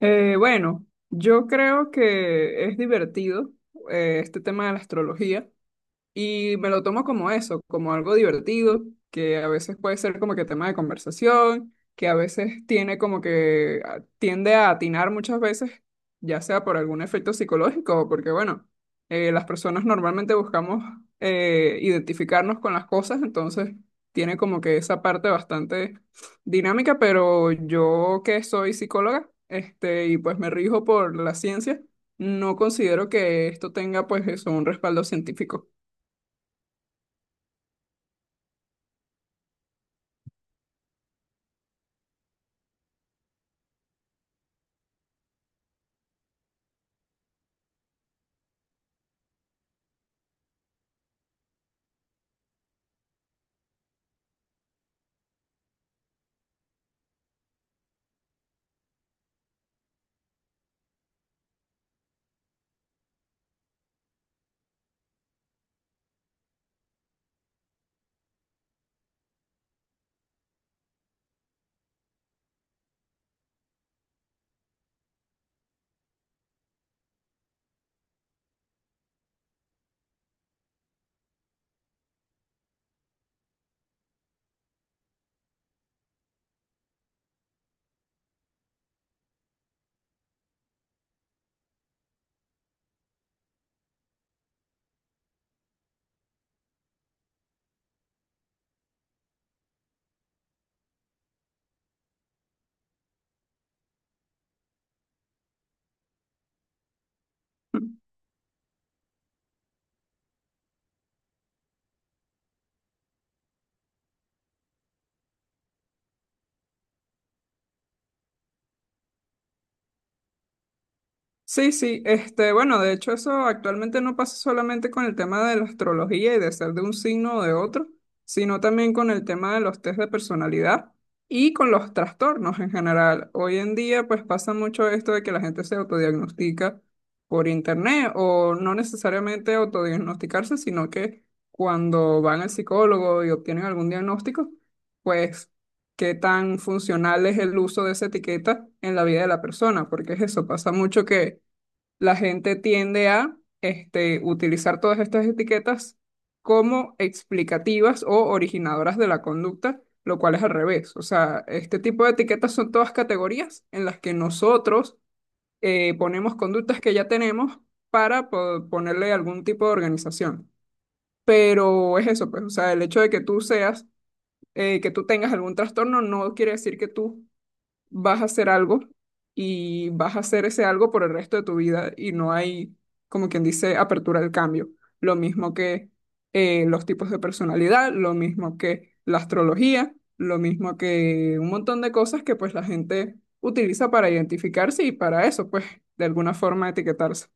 Bueno, yo creo que es divertido este tema de la astrología. Y me lo tomo como eso, como algo divertido, que a veces puede ser como que tema de conversación, que a veces tiene como que tiende a atinar muchas veces, ya sea por algún efecto psicológico o porque, bueno, las personas normalmente buscamos identificarnos con las cosas, entonces tiene como que esa parte bastante dinámica, pero yo que soy psicóloga, este, y pues me rijo por la ciencia, no considero que esto tenga pues eso, un respaldo científico. Sí, este, bueno, de hecho eso actualmente no pasa solamente con el tema de la astrología y de ser de un signo o de otro, sino también con el tema de los test de personalidad y con los trastornos en general. Hoy en día pues pasa mucho esto de que la gente se autodiagnostica por internet o no necesariamente autodiagnosticarse, sino que cuando van al psicólogo y obtienen algún diagnóstico, pues qué tan funcional es el uso de esa etiqueta en la vida de la persona, porque es eso, pasa mucho que la gente tiende a este, utilizar todas estas etiquetas como explicativas o originadoras de la conducta, lo cual es al revés. O sea, este tipo de etiquetas son todas categorías en las que nosotros ponemos conductas que ya tenemos para ponerle algún tipo de organización. Pero es eso, pues, o sea, el hecho de que tú tengas algún trastorno no quiere decir que tú vas a hacer algo y vas a hacer ese algo por el resto de tu vida y no hay, como quien dice, apertura al cambio. Lo mismo que los tipos de personalidad, lo mismo que la astrología, lo mismo que un montón de cosas que pues la gente utiliza para identificarse y para eso, pues de alguna forma etiquetarse.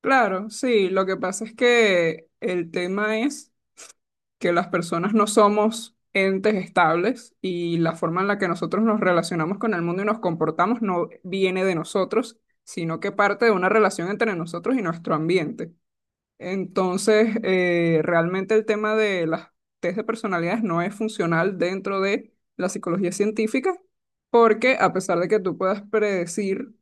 Claro, sí, lo que pasa es que el tema es que las personas no somos entes estables y la forma en la que nosotros nos relacionamos con el mundo y nos comportamos no viene de nosotros, sino que parte de una relación entre nosotros y nuestro ambiente. Entonces, realmente el tema de las test de personalidades no es funcional dentro de la psicología científica, porque a pesar de que tú puedas predecir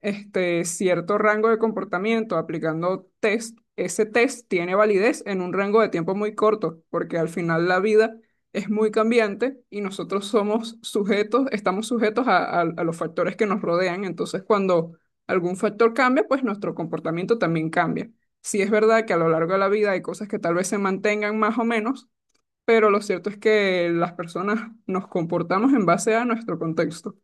este cierto rango de comportamiento aplicando test, ese test tiene validez en un rango de tiempo muy corto, porque al final la vida es muy cambiante y nosotros somos sujetos, estamos sujetos a los factores que nos rodean. Entonces, cuando algún factor cambia, pues nuestro comportamiento también cambia. Sí es verdad que a lo largo de la vida hay cosas que tal vez se mantengan más o menos, pero lo cierto es que las personas nos comportamos en base a nuestro contexto.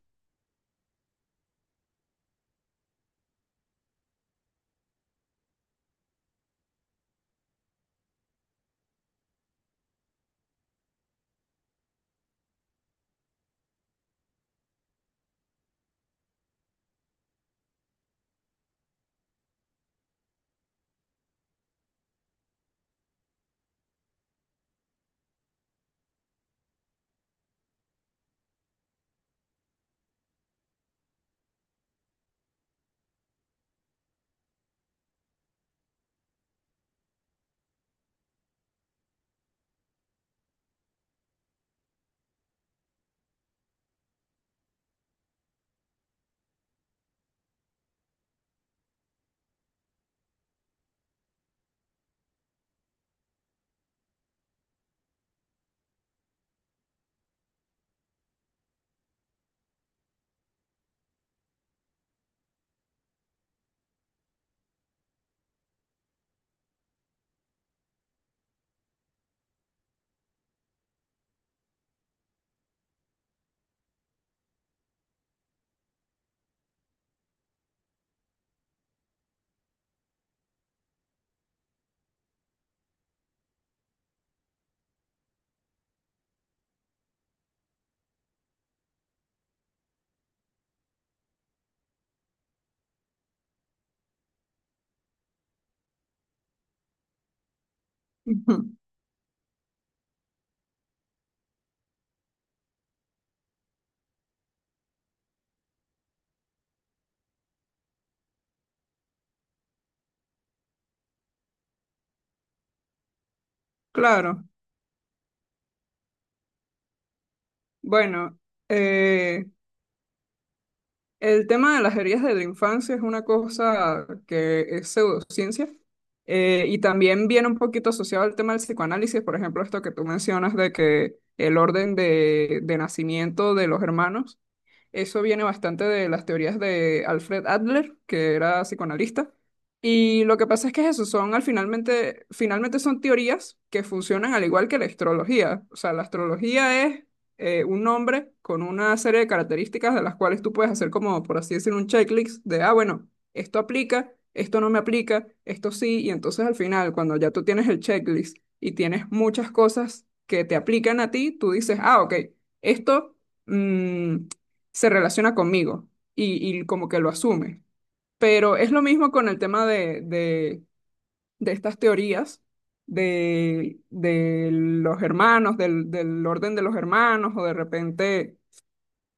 Ujú. Claro. Bueno, eh, el tema de las heridas de la infancia es una cosa que es pseudociencia y también viene un poquito asociado al tema del psicoanálisis, por ejemplo, esto que tú mencionas de que el orden de nacimiento de los hermanos. Eso viene bastante de las teorías de Alfred Adler, que era psicoanalista. Y lo que pasa es que es eso, son finalmente son teorías que funcionan al igual que la astrología. O sea, la astrología es un nombre con una serie de características de las cuales tú puedes hacer como, por así decir, un checklist de, ah, bueno, esto aplica, esto no me aplica, esto sí. Y entonces al final, cuando ya tú tienes el checklist y tienes muchas cosas que te aplican a ti, tú dices, ah, ok, esto... mm, se relaciona conmigo y como que lo asume. Pero es lo mismo con el tema de estas teorías de los hermanos, del orden de los hermanos, o de repente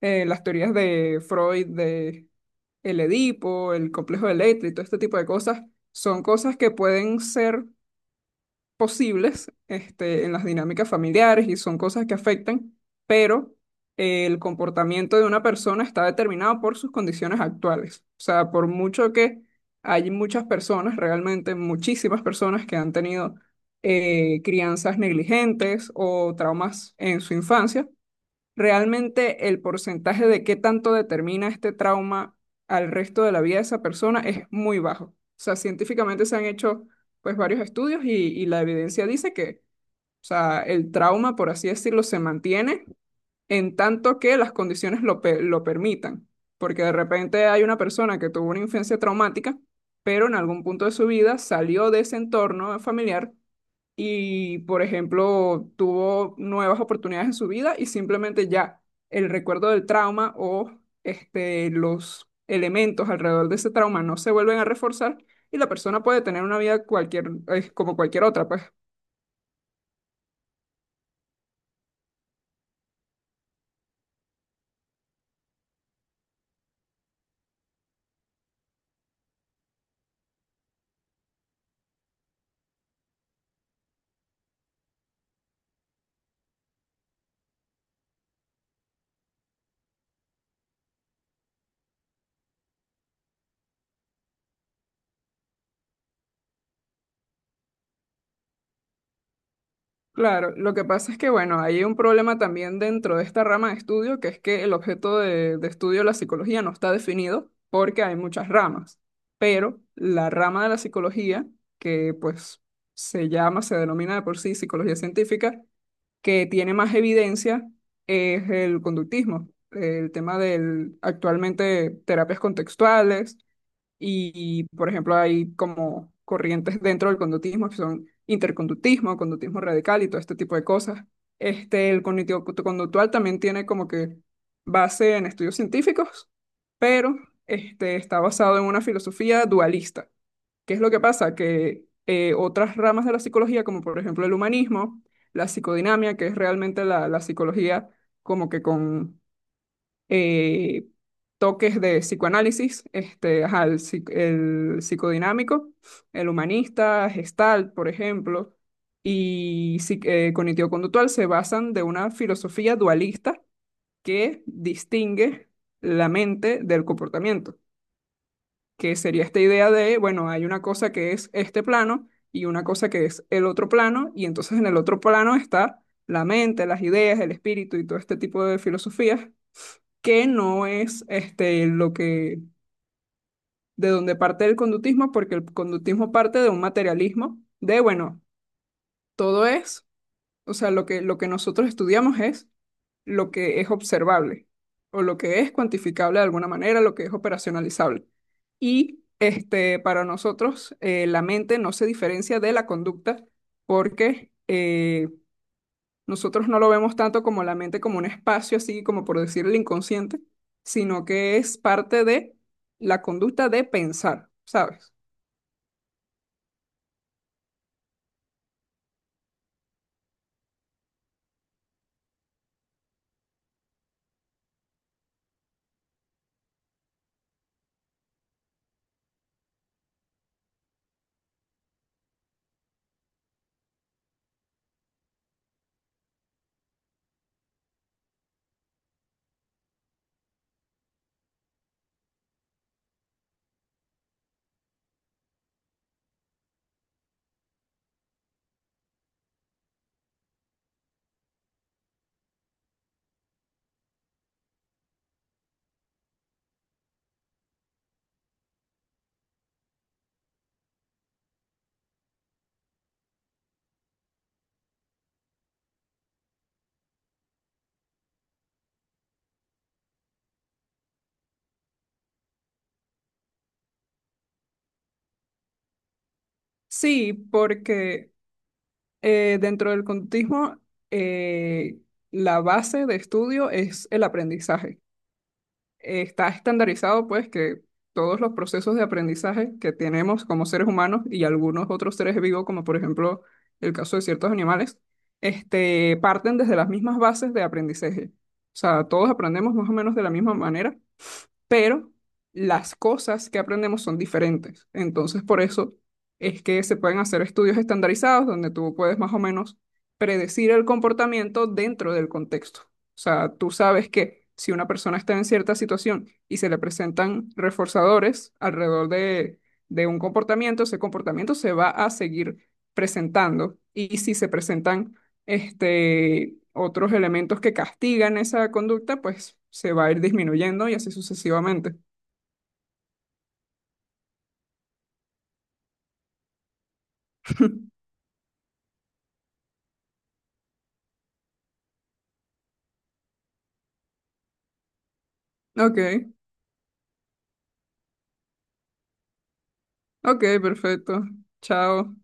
las teorías de Freud, de el Edipo, el complejo de Electra y todo este tipo de cosas, son cosas que pueden ser posibles este, en las dinámicas familiares y son cosas que afectan, pero el comportamiento de una persona está determinado por sus condiciones actuales. O sea, por mucho que realmente muchísimas personas que han tenido crianzas negligentes o traumas en su infancia, realmente el porcentaje de qué tanto determina este trauma al resto de la vida de esa persona es muy bajo. O sea, científicamente se han hecho pues varios estudios y la evidencia dice que, o sea, el trauma, por así decirlo, se mantiene en tanto que las condiciones lo, lo permitan. Porque de repente hay una persona que tuvo una infancia traumática, pero en algún punto de su vida salió de ese entorno familiar y, por ejemplo, tuvo nuevas oportunidades en su vida y simplemente ya el recuerdo del trauma o este, los elementos alrededor de ese trauma no se vuelven a reforzar y la persona puede tener una vida cualquier, como cualquier otra, pues. Claro, lo que pasa es que, bueno, hay un problema también dentro de esta rama de estudio, que es que el objeto de estudio de la psicología no está definido porque hay muchas ramas, pero la rama de la psicología, que pues se denomina de por sí psicología científica, que tiene más evidencia es el conductismo, el tema del actualmente terapias contextuales y, por ejemplo, hay como corrientes dentro del conductismo que son interconductismo, conductismo radical y todo este tipo de cosas. Este, el cognitivo conductual también tiene como que base en estudios científicos, pero este, está basado en una filosofía dualista. ¿Qué es lo que pasa? Que otras ramas de la psicología, como por ejemplo el humanismo, la psicodinamia, que es realmente la psicología como que con eh, toques de psicoanálisis, este, ajá, el psicodinámico, el humanista, Gestalt, por ejemplo, y cognitivo-conductual se basan de una filosofía dualista que distingue la mente del comportamiento, que sería esta idea de, bueno, hay una cosa que es este plano y una cosa que es el otro plano, y entonces en el otro plano está la mente, las ideas, el espíritu y todo este tipo de filosofías que no es este, de donde parte el conductismo, porque el conductismo parte de un materialismo, de, bueno, todo es, o sea, lo que nosotros estudiamos es lo que es observable, o lo que es cuantificable de alguna manera, lo que es operacionalizable. Y este, para nosotros, la mente no se diferencia de la conducta porque... nosotros no lo vemos tanto como la mente como un espacio, así como por decir el inconsciente, sino que es parte de la conducta de pensar, ¿sabes? Sí, porque dentro del conductismo eh, la base de estudio es el aprendizaje. Está estandarizado, pues, que todos los procesos de aprendizaje que tenemos como seres humanos y algunos otros seres vivos, como por ejemplo el caso de ciertos animales, este, parten desde las mismas bases de aprendizaje. O sea, todos aprendemos más o menos de la misma manera, pero las cosas que aprendemos son diferentes. Entonces, por eso es que se pueden hacer estudios estandarizados donde tú puedes más o menos predecir el comportamiento dentro del contexto. O sea, tú sabes que si una persona está en cierta situación y se le presentan reforzadores alrededor de un comportamiento, ese comportamiento se va a seguir presentando. Y si se presentan este, otros elementos que castigan esa conducta, pues se va a ir disminuyendo y así sucesivamente. Ok, ok, perfecto. Chao.